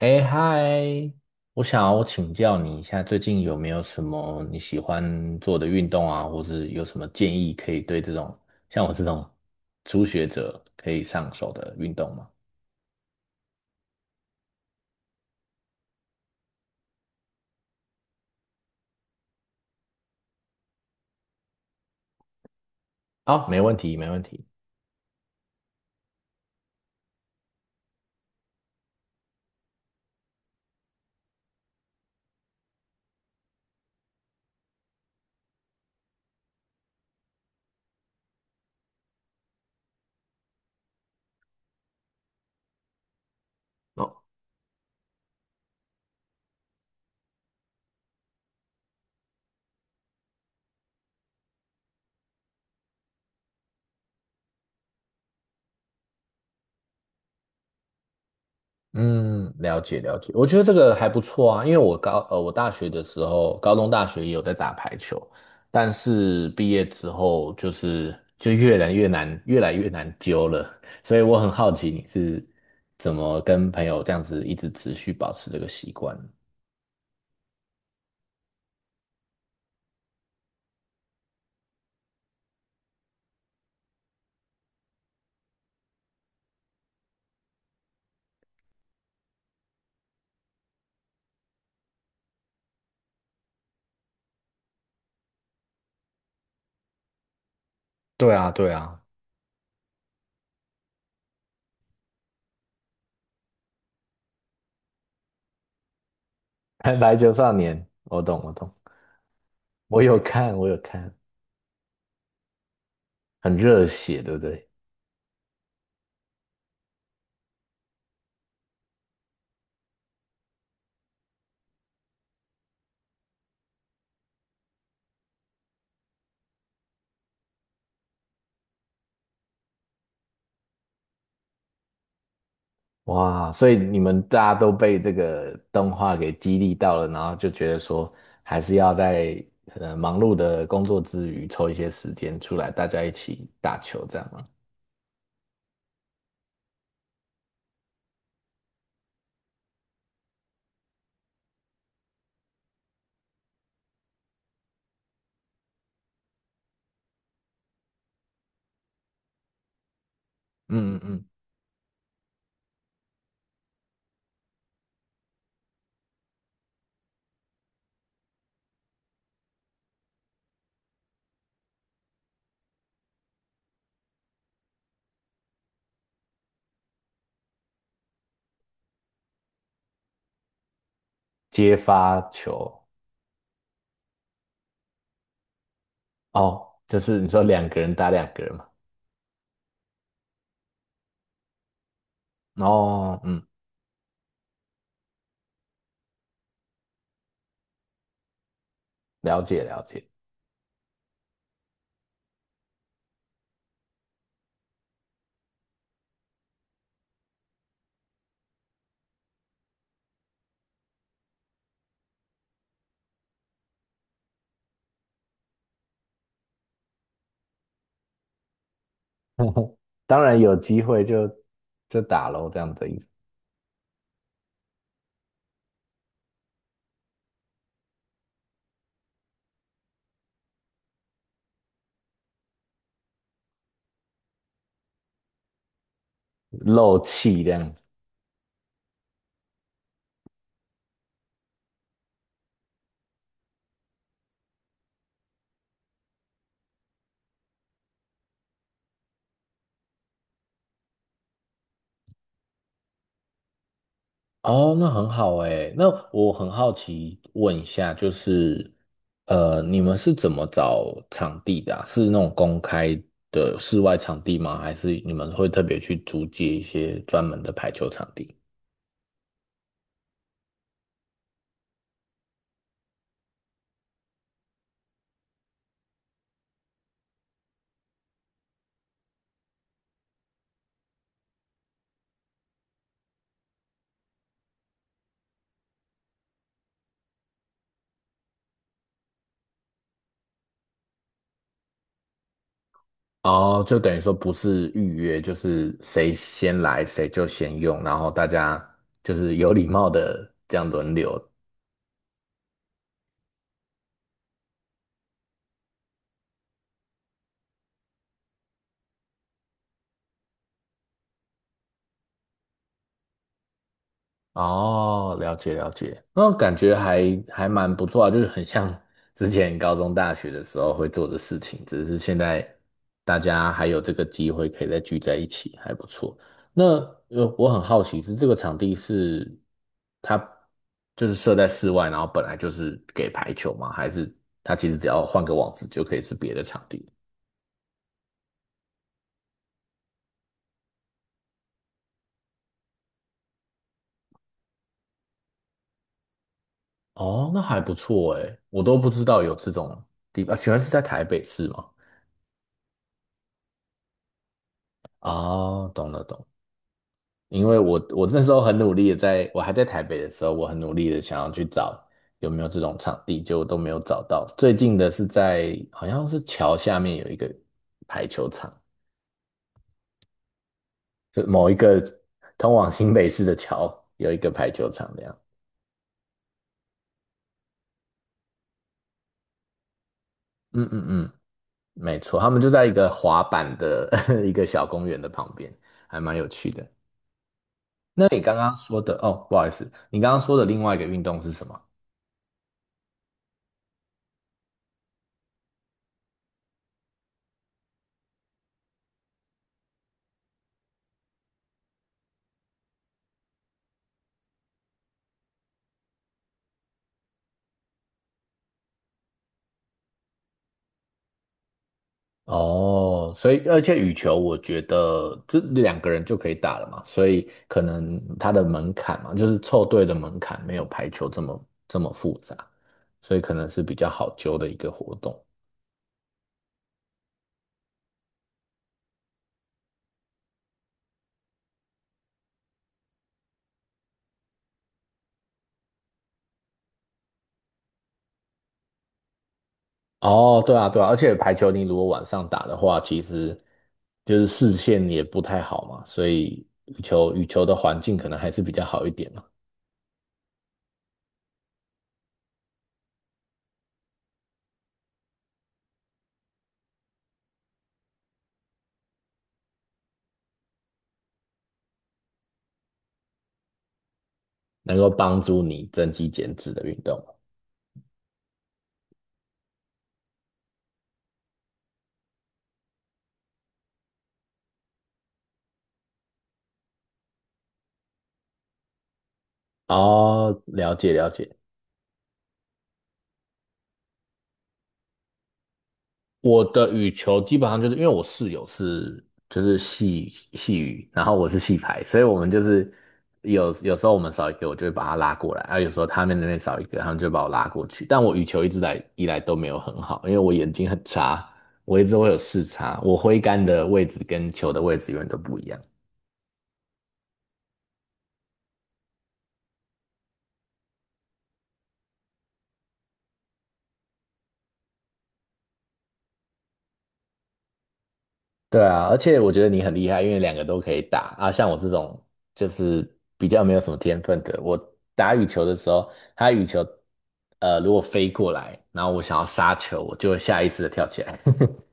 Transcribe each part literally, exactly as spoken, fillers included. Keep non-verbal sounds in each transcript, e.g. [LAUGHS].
哎嗨，我想要请教你一下，最近有没有什么你喜欢做的运动啊，或是有什么建议可以对这种像我这种初学者可以上手的运动吗？好，没问题，没问题。嗯，了解了解，我觉得这个还不错啊，因为我高呃我大学的时候，高中大学也有在打排球，但是毕业之后就是就越来越难，越来越难揪了，所以我很好奇你是怎么跟朋友这样子一直持续保持这个习惯的。对啊，对啊。[LAUGHS] 排球少年，我懂我懂。我有看我有看。很热血，对不对？哇，所以你们大家都被这个动画给激励到了，然后就觉得说，还是要在呃忙碌的工作之余抽一些时间出来，大家一起打球，这样吗？嗯嗯嗯，接发球。哦，就是你说两个人打两个人嘛。哦，嗯，了解了解。[LAUGHS] 当然有机会就就打喽，这样子意思。漏气这样。哦，那很好诶。那我很好奇问一下，就是，呃，你们是怎么找场地的啊？是那种公开的室外场地吗？还是你们会特别去租借一些专门的排球场地？哦，就等于说不是预约，就是谁先来谁就先用，然后大家就是有礼貌的这样轮流。哦，了解了解，那感觉还还蛮不错啊，就是很像 [LAUGHS] 之前高中、大学的时候会做的事情，只是现在大家还有这个机会可以再聚在一起，还不错。那呃，我很好奇是这个场地是它就是设在室外，然后本来就是给排球吗？还是它其实只要换个网址就可以是别的场地？哦，那还不错诶，我都不知道有这种地方，啊原来是在台北市吗？哦，懂了懂了。因为我我那时候很努力的在，我还在台北的时候，我很努力的想要去找有没有这种场地，结果都没有找到。最近的是在好像是桥下面有一个排球场，就某一个通往新北市的桥有一个排球场这样。嗯嗯嗯，没错，他们就在一个滑板的 [LAUGHS] 一个小公园的旁边，还蛮有趣的。那你刚刚说的哦，不好意思，你刚刚说的另外一个运动是什么？哦，所以而且羽球，我觉得这两个人就可以打了嘛，所以可能它的门槛嘛，就是凑对的门槛没有排球这么这么复杂，所以可能是比较好揪的一个活动。哦，对啊，对啊，而且排球你如果晚上打的话，其实就是视线也不太好嘛，所以羽球羽球的环境可能还是比较好一点嘛，能够帮助你增肌减脂的运动。哦，了解了解。我的羽球基本上就是因为我室友是就是系系羽，然后我是系排，所以我们就是有有时候我们少一个，我就会把他拉过来，啊，有时候他们那边少一个，他们就把我拉过去。但我羽球一直来以来都没有很好，因为我眼睛很差，我一直会有视差，我挥杆的位置跟球的位置永远都不一样。对啊，而且我觉得你很厉害，因为两个都可以打啊。像我这种就是比较没有什么天分的，我打羽球的时候，它羽球呃如果飞过来，然后我想要杀球，我就会下意识的跳起来。[LAUGHS]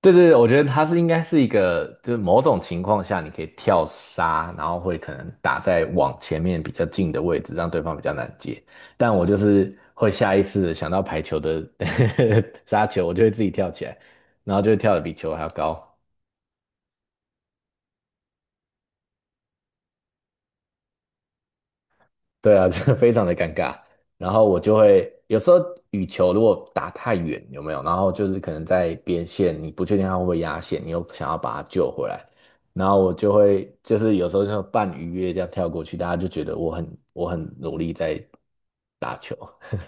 对对对，我觉得它是应该是一个，就是某种情况下你可以跳杀，然后会可能打在往前面比较近的位置，让对方比较难接。但我就是会下意识的想到排球的 [LAUGHS] 杀球，我就会自己跳起来，然后就会跳得比球还要高。对啊，[LAUGHS] 这个非常的尴尬。然后我就会有时候羽球如果打太远，有没有？然后就是可能在边线，你不确定它会不会压线，你又想要把它救回来，然后我就会就是有时候就半鱼跃这样跳过去，大家就觉得我很我很努力在打球。[LAUGHS]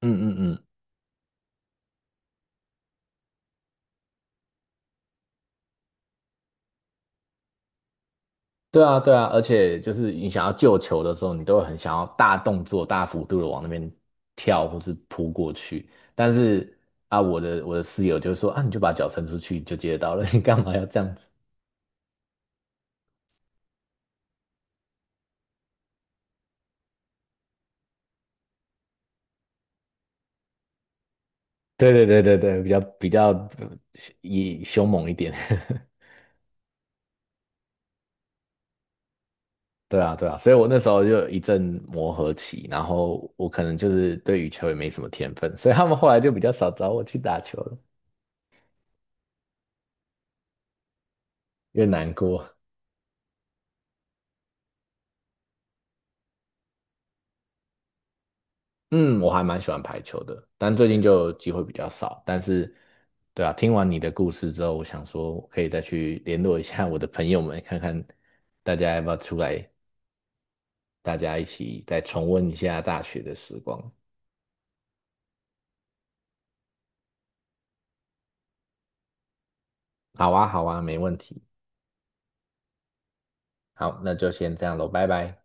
嗯嗯嗯。对啊，对啊，而且就是你想要救球的时候，你都会很想要大动作、大幅度的往那边跳或是扑过去。但是啊，我的我的室友就说啊，你就把脚伸出去你就接得到了，[LAUGHS] 你干嘛要这样子？对对对对对，比较比较呃以凶猛一点。[LAUGHS] 对啊，对啊，所以我那时候就有一阵磨合期，然后我可能就是对羽球也没什么天分，所以他们后来就比较少找我去打球了，越难过。嗯，我还蛮喜欢排球的，但最近就机会比较少。但是，对啊，听完你的故事之后，我想说，我可以再去联络一下我的朋友们，看看大家要不要出来，大家一起再重温一下大学的时光。好啊，好啊，没问题。好，那就先这样喽，拜拜。